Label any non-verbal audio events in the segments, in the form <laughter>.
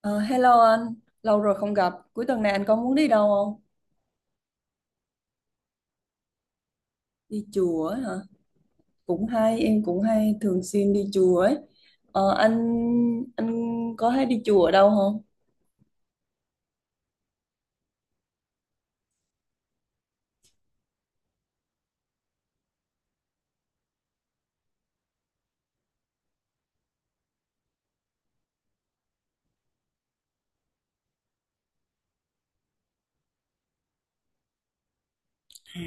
Ờ, Hello anh, lâu rồi không gặp. Cuối tuần này anh có muốn đi đâu không? Đi chùa ấy hả? Cũng hay, em cũng hay thường xuyên đi chùa ấy. Ờ, anh anh có hay đi chùa ở đâu không? À.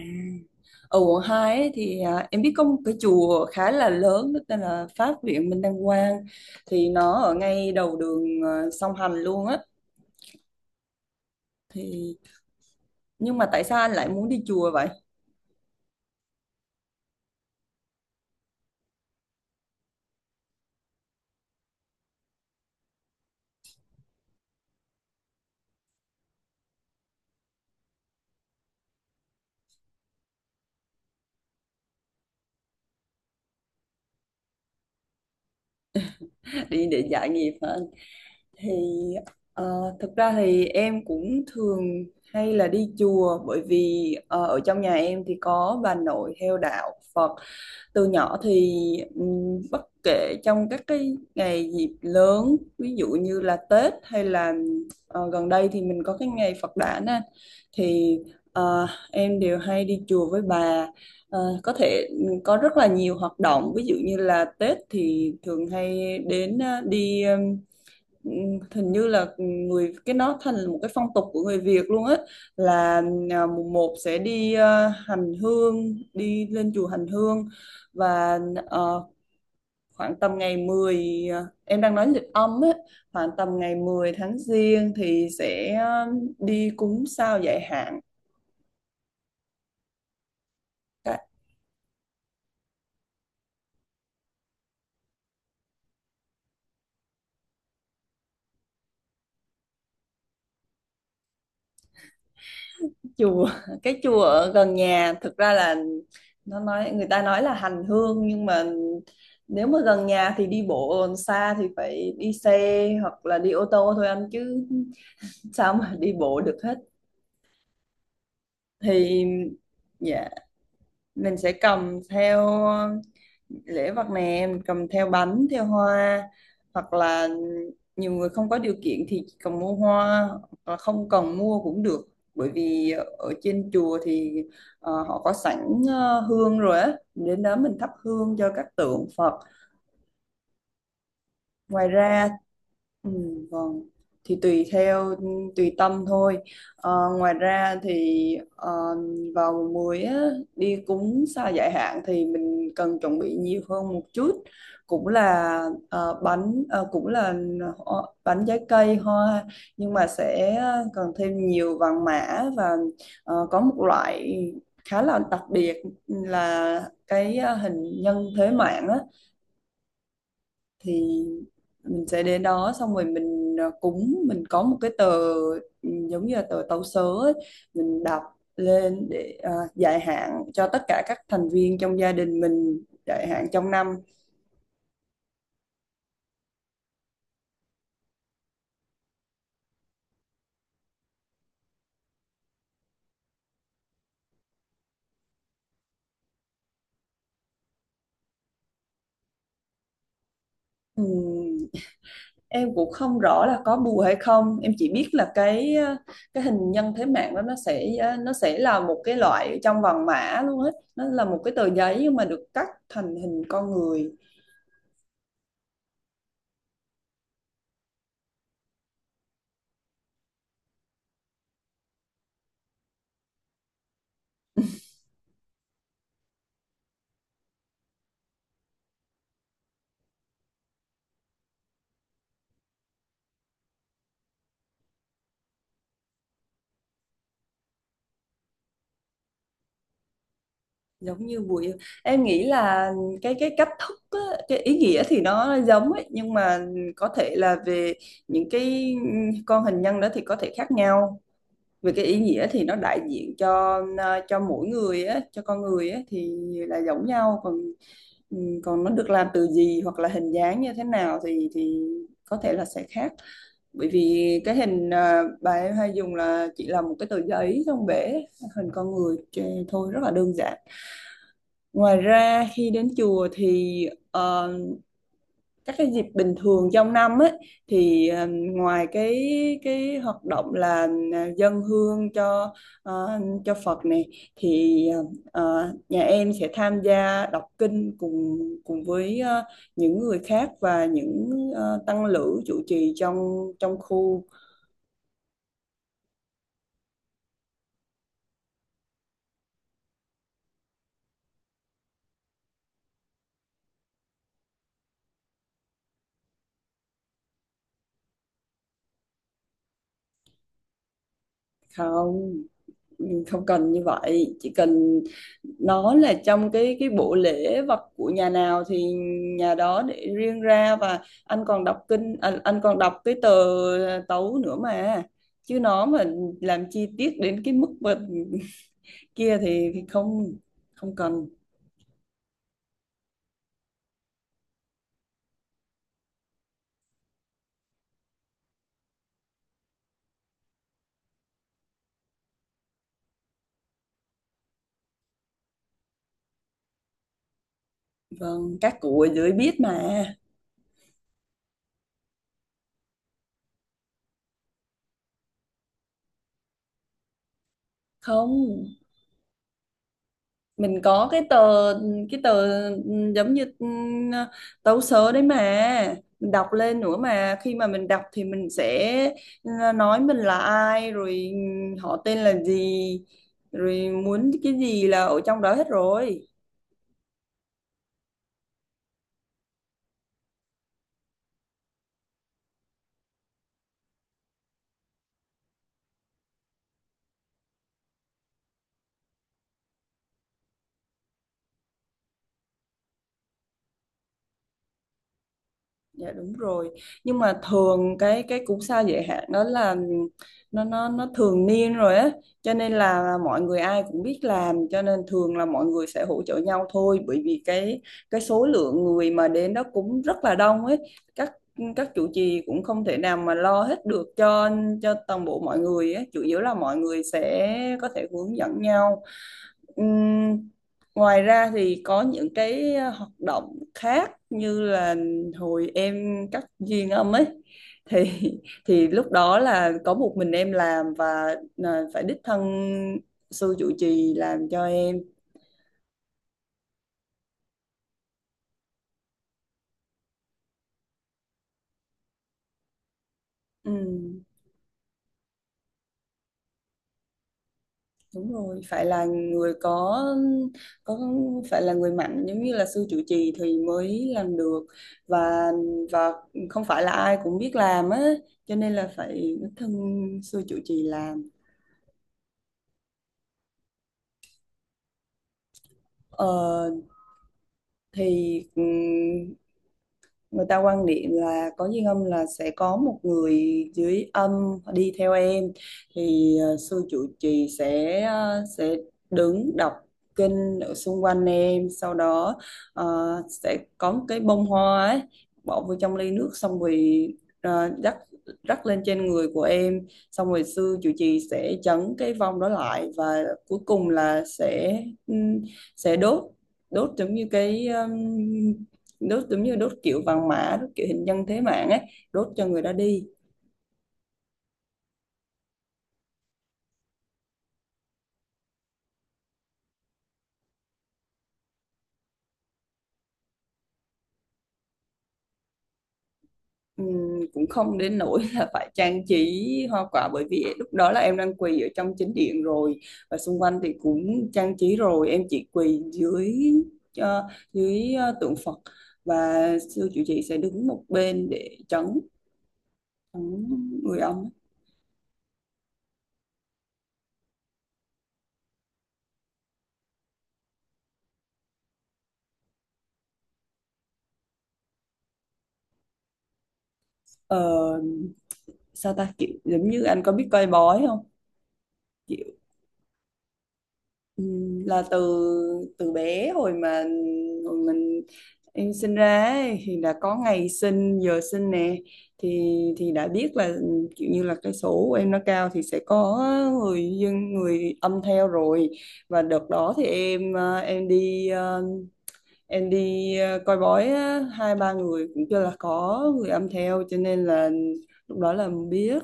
Ở quận 2 ấy, em biết có một cái chùa khá là lớn đó tên là Pháp Viện Minh Đăng Quang, thì nó ở ngay đầu đường, song hành luôn á. thì nhưng mà tại sao anh lại muốn đi chùa vậy? <laughs> Đi để giải nghiệp hả? thì Thực ra thì em cũng thường hay là đi chùa, bởi vì ở trong nhà em thì có bà nội theo đạo Phật từ nhỏ. Thì Bất kể trong các cái ngày dịp lớn, ví dụ như là Tết, hay là gần đây thì mình có cái ngày Phật đản á, thì em đều hay đi chùa với bà. Có thể có rất là nhiều hoạt động, ví dụ như là Tết thì thường hay đến, đi. Ừ, hình như là người cái nó thành là một cái phong tục của người Việt luôn á, là mùng một sẽ đi, hành hương, đi lên chùa hành hương. Và ờ, khoảng tầm ngày mười, em đang nói lịch âm á, khoảng tầm ngày 10 tháng giêng thì sẽ, đi cúng sao giải hạn. Chùa, <laughs> cái chùa ở gần nhà thực ra là nó nói, người ta nói là hành hương, nhưng mà nếu mà gần nhà thì đi bộ, còn xa thì phải đi xe hoặc là đi ô tô thôi anh, chứ sao mà đi bộ được hết. Thì dạ, mình sẽ cầm theo lễ vật nè, mình cầm theo bánh theo hoa, hoặc là nhiều người không có điều kiện thì chỉ cần mua hoa, hoặc là không cần mua cũng được. Bởi vì ở trên chùa thì họ có sẵn hương rồi á, đến đó mình thắp hương cho các tượng Phật. Ngoài ra, ừ, vâng, thì tùy theo, tùy tâm thôi. Ngoài ra thì vào mùa muối á, đi cúng sa giải hạn thì mình cần chuẩn bị nhiều hơn một chút, cũng là bánh, cũng là bánh, trái cây, hoa, nhưng mà sẽ cần thêm nhiều vàng mã, và có một loại khá là đặc biệt là cái hình nhân thế mạng á. Thì mình sẽ đến đó, xong rồi mình cúng, mình có một cái tờ, ừ, giống như là tờ tấu sớ ấy, mình đọc lên để dài hạn cho tất cả các thành viên trong gia đình mình, dài hạn trong năm. Ừm, em cũng không rõ là có bùa hay không, em chỉ biết là cái cái hình nhân thế mạng đó nó sẽ, nó sẽ là một cái loại trong vòng mã luôn, hết nó là một cái tờ giấy nhưng mà được cắt thành hình con người. Giống như buổi, em nghĩ là cái cách thức á, cái ý nghĩa thì nó giống ấy, nhưng mà có thể là về những cái con hình nhân đó thì có thể khác nhau. Về cái ý nghĩa thì nó đại diện cho cho mỗi người á, cho con người á thì là giống nhau. Còn còn nó được làm từ gì hoặc là hình dáng như thế nào thì có thể là sẽ khác, bởi vì cái hình, bà em hay dùng là chỉ là một cái tờ giấy trong bể hình con người thôi, rất là đơn giản. Ngoài ra khi đến chùa thì các cái dịp bình thường trong năm ấy, thì ngoài cái hoạt động là dâng hương cho cho Phật này, thì nhà em sẽ tham gia đọc kinh cùng cùng với những người khác, và những tăng lữ trụ trì trong trong khu. Không, không cần như vậy, chỉ cần nó là trong cái bộ lễ vật của nhà nào thì nhà đó để riêng ra. Và anh còn đọc kinh, anh còn đọc cái tờ tấu nữa mà, chứ nó mà làm chi tiết đến cái mức mà <laughs> kia thì không, không cần. Vâng, các cụ ở dưới biết mà. Không, mình có cái tờ, cái tờ giống như ừ, tấu sớ đấy mà, mình đọc lên nữa mà. Khi mà mình đọc thì mình sẽ, ừ, nói mình là ai rồi, ừ, họ tên là gì, rồi muốn cái gì là ở trong đó hết rồi. Dạ đúng rồi. Nhưng mà thường cái cú sa giới hạn đó là nó thường niên rồi á, cho nên là mọi người ai cũng biết làm, cho nên thường là mọi người sẽ hỗ trợ nhau thôi, bởi vì cái số lượng người mà đến đó cũng rất là đông ấy. Các các chủ trì cũng không thể nào mà lo hết được cho toàn bộ mọi người ấy. Chủ yếu là mọi người sẽ có thể hướng dẫn nhau. Ừm, ngoài ra thì có những cái hoạt động khác, như là hồi em cắt duyên âm ấy, thì <laughs> thì lúc đó là có một mình em làm, và là phải đích thân sư trụ trì làm cho em. Ừm, đúng rồi, phải là người có phải là người mạnh giống như là sư trụ trì thì mới làm được. và và không phải là ai cũng biết làm á, cho nên là phải đích thân sư trụ trì làm. Ờ, thì người ta quan niệm là có duyên âm là sẽ có một người dưới âm đi theo em. Thì sư trụ trì sẽ sẽ đứng đọc kinh ở xung quanh em. Sau đó ờ, sẽ có một cái bông hoa ấy bỏ vô trong ly nước, xong rồi rắc rắc lên trên người của em. Xong rồi sư trụ trì sẽ trấn cái vong đó lại, và cuối cùng là ừm, sẽ đốt, đốt giống như cái đốt giống như đốt kiểu vàng mã, đốt kiểu hình nhân thế mạng ấy, đốt cho người đó đi. Cũng không đến nỗi là phải trang trí hoa quả, bởi vì lúc đó là em đang quỳ ở trong chính điện rồi, và xung quanh thì cũng trang trí rồi, em chỉ quỳ dưới ờ, dưới tượng Phật. Và sư chủ trì sẽ đứng một bên để trấn người ông. Ờ, Sao ta, kiểu giống như anh có biết coi bói không? Kiểu, ừ, là từ từ bé, hồi mà hồi mình em sinh ra ấy, thì đã có ngày sinh giờ sinh nè, thì đã biết là kiểu như là cái số của em nó cao thì sẽ có người dân, người âm theo rồi. Và đợt đó thì em em đi coi bói á, hai ba người cũng chưa là có người âm theo, cho nên là lúc đó là biết.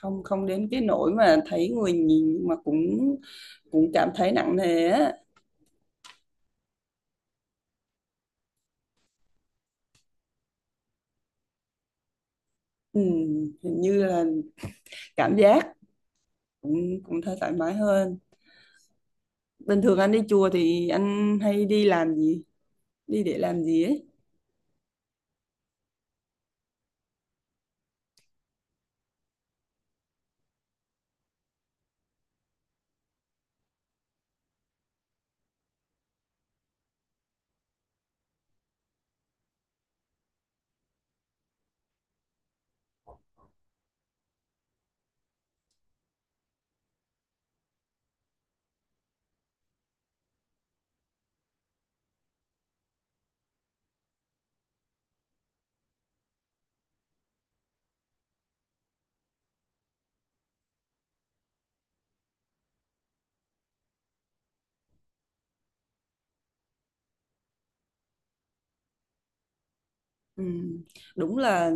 Không, không đến cái nỗi mà thấy người nhìn, nhưng mà cũng cũng cảm thấy nặng nề á. Ừ, hình như là cảm giác cũng cũng thấy thoải mái hơn. Bình thường anh đi chùa thì anh hay đi làm gì? Đi để làm gì ấy? Ừ, đúng là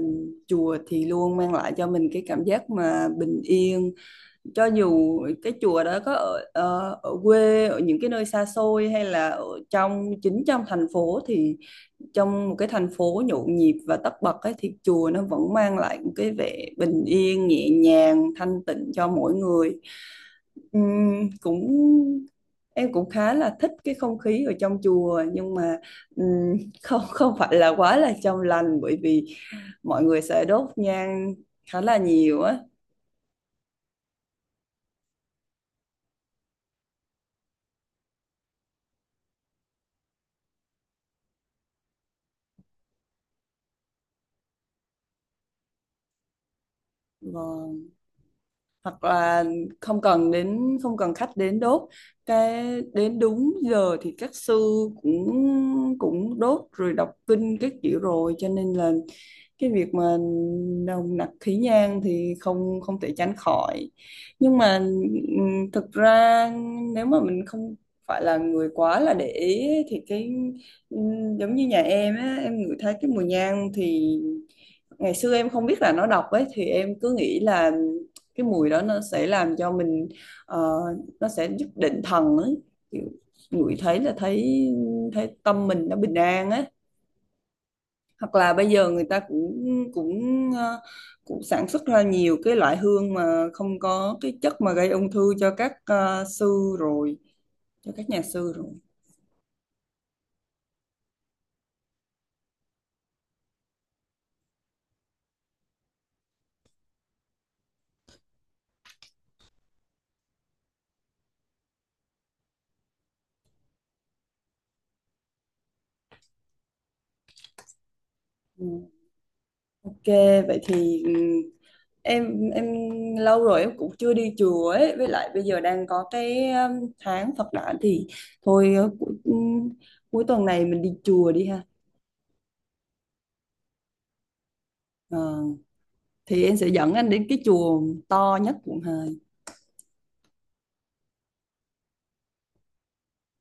chùa thì luôn mang lại cho mình cái cảm giác mà bình yên. Cho dù cái chùa đó có ở, ở quê, ở những cái nơi xa xôi, hay là ở trong chính trong thành phố, thì trong một cái thành phố nhộn nhịp và tấp bật ấy, thì chùa nó vẫn mang lại một cái vẻ bình yên, nhẹ nhàng, thanh tịnh cho mỗi người. Cũng em cũng khá là thích cái không khí ở trong chùa, nhưng mà ừm, <laughs> không không phải là quá là trong lành, bởi vì mọi người sẽ đốt nhang khá là nhiều á. Vâng. Hoặc là không cần đến, không cần khách đến đốt, cái đến đúng giờ thì các sư cũng cũng đốt rồi đọc kinh các kiểu rồi, cho nên là cái việc mà nồng nặc khí nhang thì không, không thể tránh khỏi. Nhưng mà thực ra nếu mà mình không phải là người quá là để ý ấy, thì cái giống như nhà em á, em ngửi thấy cái mùi nhang thì ngày xưa em không biết là nó độc ấy, thì em cứ nghĩ là cái mùi đó nó sẽ làm cho mình ờ, nó sẽ giúp định thần ấy, ngửi thấy là thấy thấy tâm mình nó bình an ấy. Hoặc là bây giờ người ta cũng cũng ờ, cũng sản xuất ra nhiều cái loại hương mà không có cái chất mà gây ung thư cho các ờ, sư rồi cho các nhà sư rồi. Ừ. Ok, vậy thì ừ, em lâu rồi em cũng chưa đi chùa ấy, với lại bây giờ đang có cái tháng Phật đản, thì thôi cuối tuần này mình đi chùa đi ha. Ờ, thì em sẽ dẫn anh đến cái chùa to nhất quận Hai.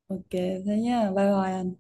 Ok, thế nhá, bye bye anh.